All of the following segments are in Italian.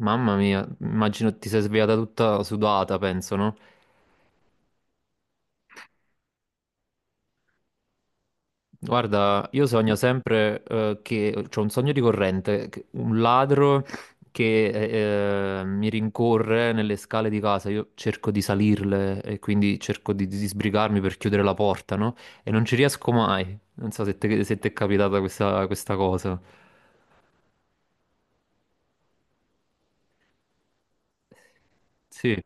Mamma mia, immagino ti sei svegliata tutta sudata, penso, no? Guarda, io sogno sempre che c'ho un sogno ricorrente, un ladro che mi rincorre nelle scale di casa, io cerco di salirle e quindi cerco di sbrigarmi per chiudere la porta, no? E non ci riesco mai. Non so se ti è capitata questa cosa. Sì.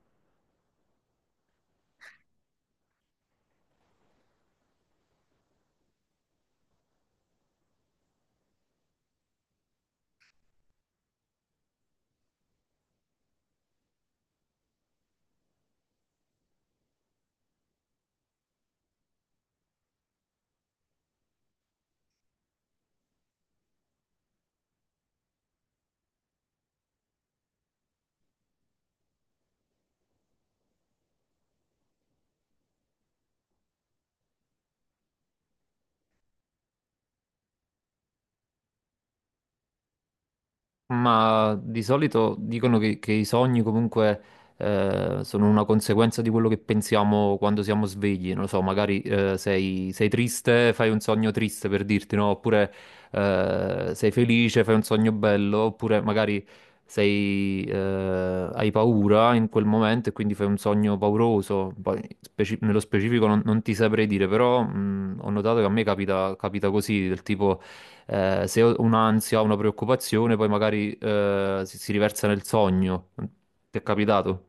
Ma di solito dicono che i sogni comunque sono una conseguenza di quello che pensiamo quando siamo svegli. Non lo so, magari sei triste, fai un sogno triste per dirti, no? Oppure sei felice, fai un sogno bello, oppure magari hai paura in quel momento e quindi fai un sogno pauroso. Poi, nello specifico non ti saprei dire, però ho notato che a me capita, capita così, del tipo se ho un'ansia, ho una preoccupazione, poi magari si riversa nel sogno. Ti è capitato?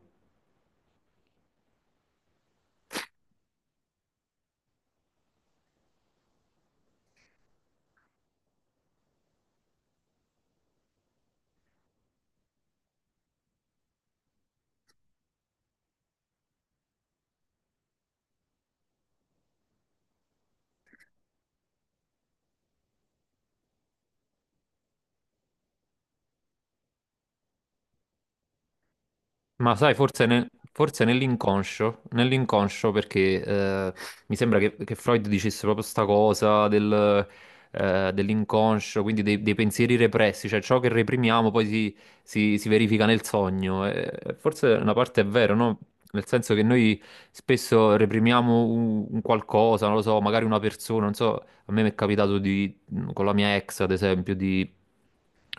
Ma sai, forse, forse nell'inconscio perché mi sembra che Freud dicesse proprio sta cosa dell'inconscio, quindi dei pensieri repressi, cioè ciò che reprimiamo poi si verifica nel sogno. E forse una parte è vero, no? Nel senso che noi spesso reprimiamo un qualcosa, non lo so, magari una persona, non so, a me mi è capitato con la mia ex, ad esempio, di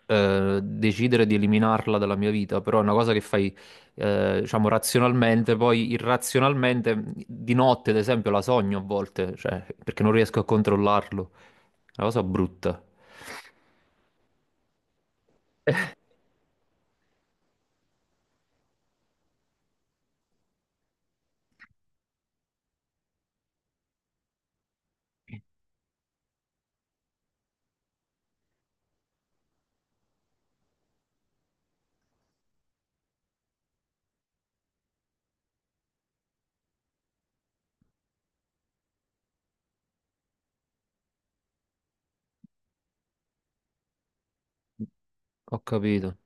decidere di eliminarla dalla mia vita, però è una cosa che fai diciamo razionalmente, poi irrazionalmente di notte, ad esempio, la sogno a volte, cioè, perché non riesco a controllarlo. È una cosa brutta. Ho capito.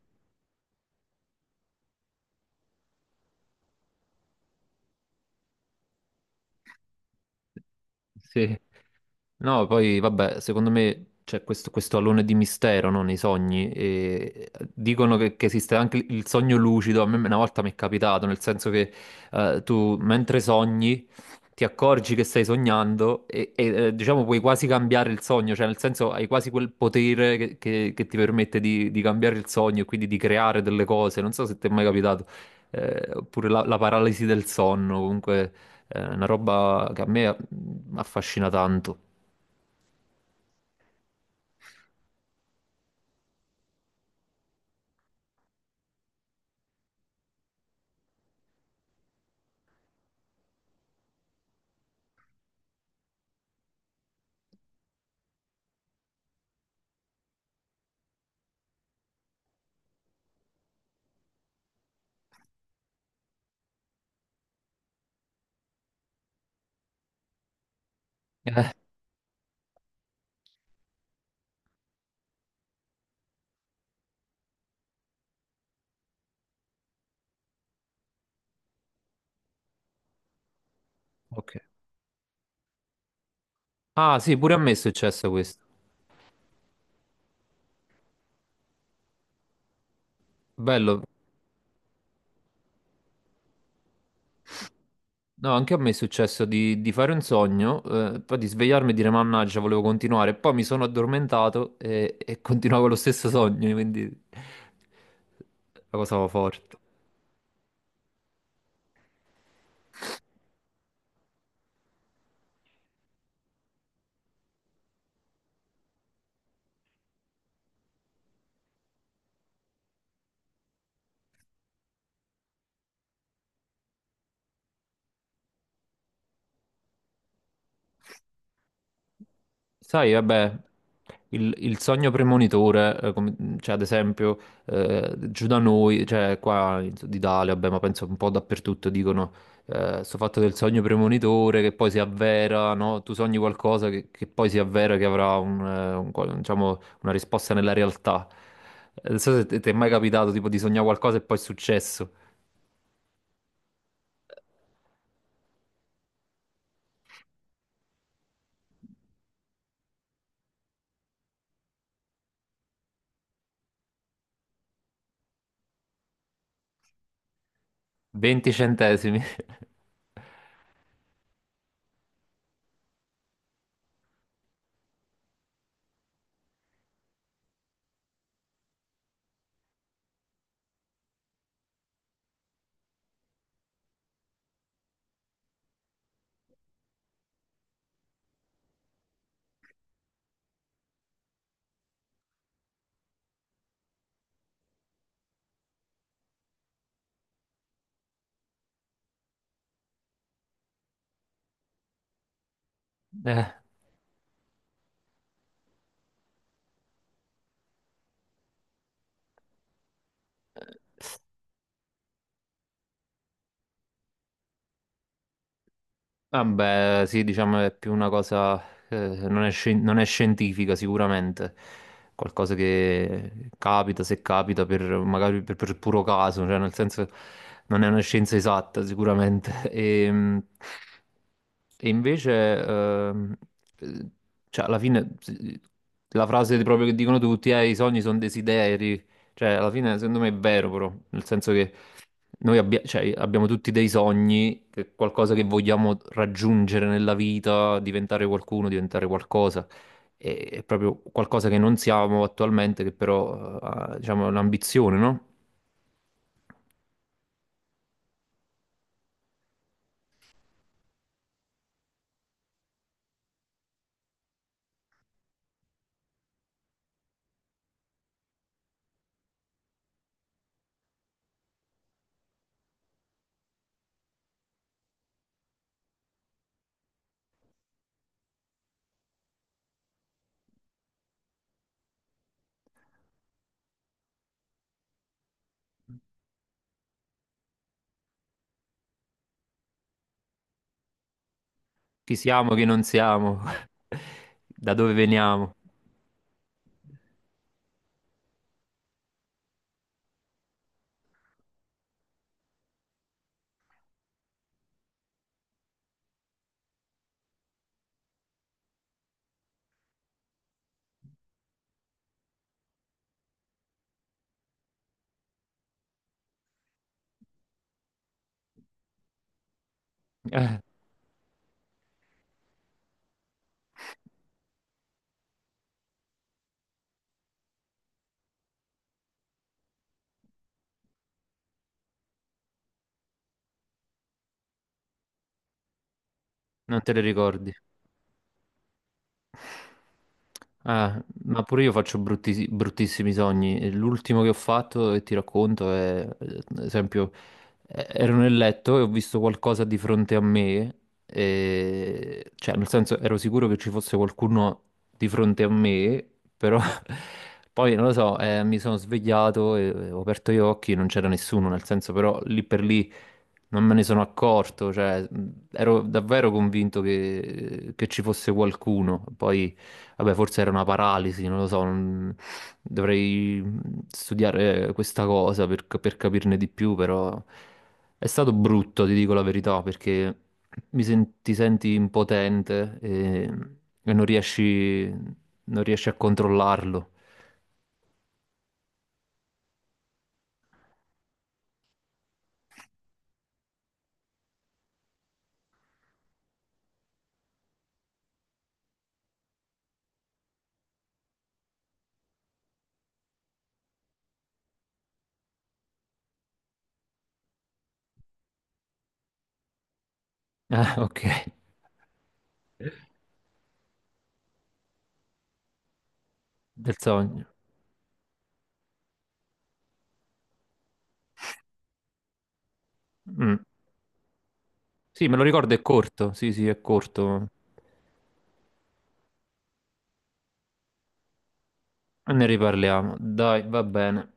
Sì. No, poi vabbè, secondo me c'è questo alone di mistero, no, nei sogni. E dicono che esiste anche il sogno lucido. A me una volta mi è capitato, nel senso che tu mentre sogni ti accorgi che stai sognando e, diciamo puoi quasi cambiare il sogno, cioè nel senso hai quasi quel potere che ti permette di cambiare il sogno e quindi di creare delle cose. Non so se ti è mai capitato, oppure la paralisi del sonno, comunque è una roba che a me affascina tanto. Eh, ok. Ah, sì, pure a me è successo questo. Bello. No, anche a me è successo di fare un sogno, poi di svegliarmi e dire mannaggia, volevo continuare. Poi mi sono addormentato e continuavo lo stesso sogno, quindi la cosa forte. Sai, vabbè, il sogno premonitore, cioè ad esempio giù da noi, cioè qua in Sud Italia, vabbè, ma penso un po' dappertutto dicono sto fatto del sogno premonitore che poi si avvera, no? Tu sogni qualcosa che poi si avvera, che avrà diciamo, una risposta nella realtà. Non so se te- ti è mai capitato tipo di sognare qualcosa e poi è successo. 20 centesimi. Eh. Vabbè, sì, diciamo è più una cosa, non è, non è scientifica sicuramente, qualcosa che capita, se capita, magari per puro caso, cioè nel senso non è una scienza esatta sicuramente. E invece, ehm, eh, cioè alla fine sì, la frase proprio che dicono tutti è i sogni sono desideri, cioè, alla fine, secondo me è vero, però, nel senso che noi cioè, abbiamo tutti dei sogni, qualcosa che vogliamo raggiungere nella vita, diventare qualcuno, diventare qualcosa. È proprio qualcosa che non siamo attualmente, che però, diciamo, è un'ambizione, no? Chi siamo, chi non siamo, da dove veniamo. Eh, Non te le ricordi. Ah, ma pure io faccio bruttissimi sogni. E l'ultimo che ho fatto, e ti racconto, è, ad esempio, ero nel letto e ho visto qualcosa di fronte a me, cioè, nel senso, ero sicuro che ci fosse qualcuno di fronte a me, però poi, non lo so, mi sono svegliato e ho aperto gli occhi e non c'era nessuno, nel senso, però lì per lì non me ne sono accorto, cioè, ero davvero convinto che ci fosse qualcuno, poi. Vabbè, forse era una paralisi, non lo so, dovrei studiare questa cosa per capirne di più, però è stato brutto, ti dico la verità, perché ti senti impotente e, e non riesci... Non riesci a controllarlo. Ah, ok, del sogno. Mm. Sì, me lo ricordo, è corto, sì, sì, è corto. Ne riparliamo, dai, va bene.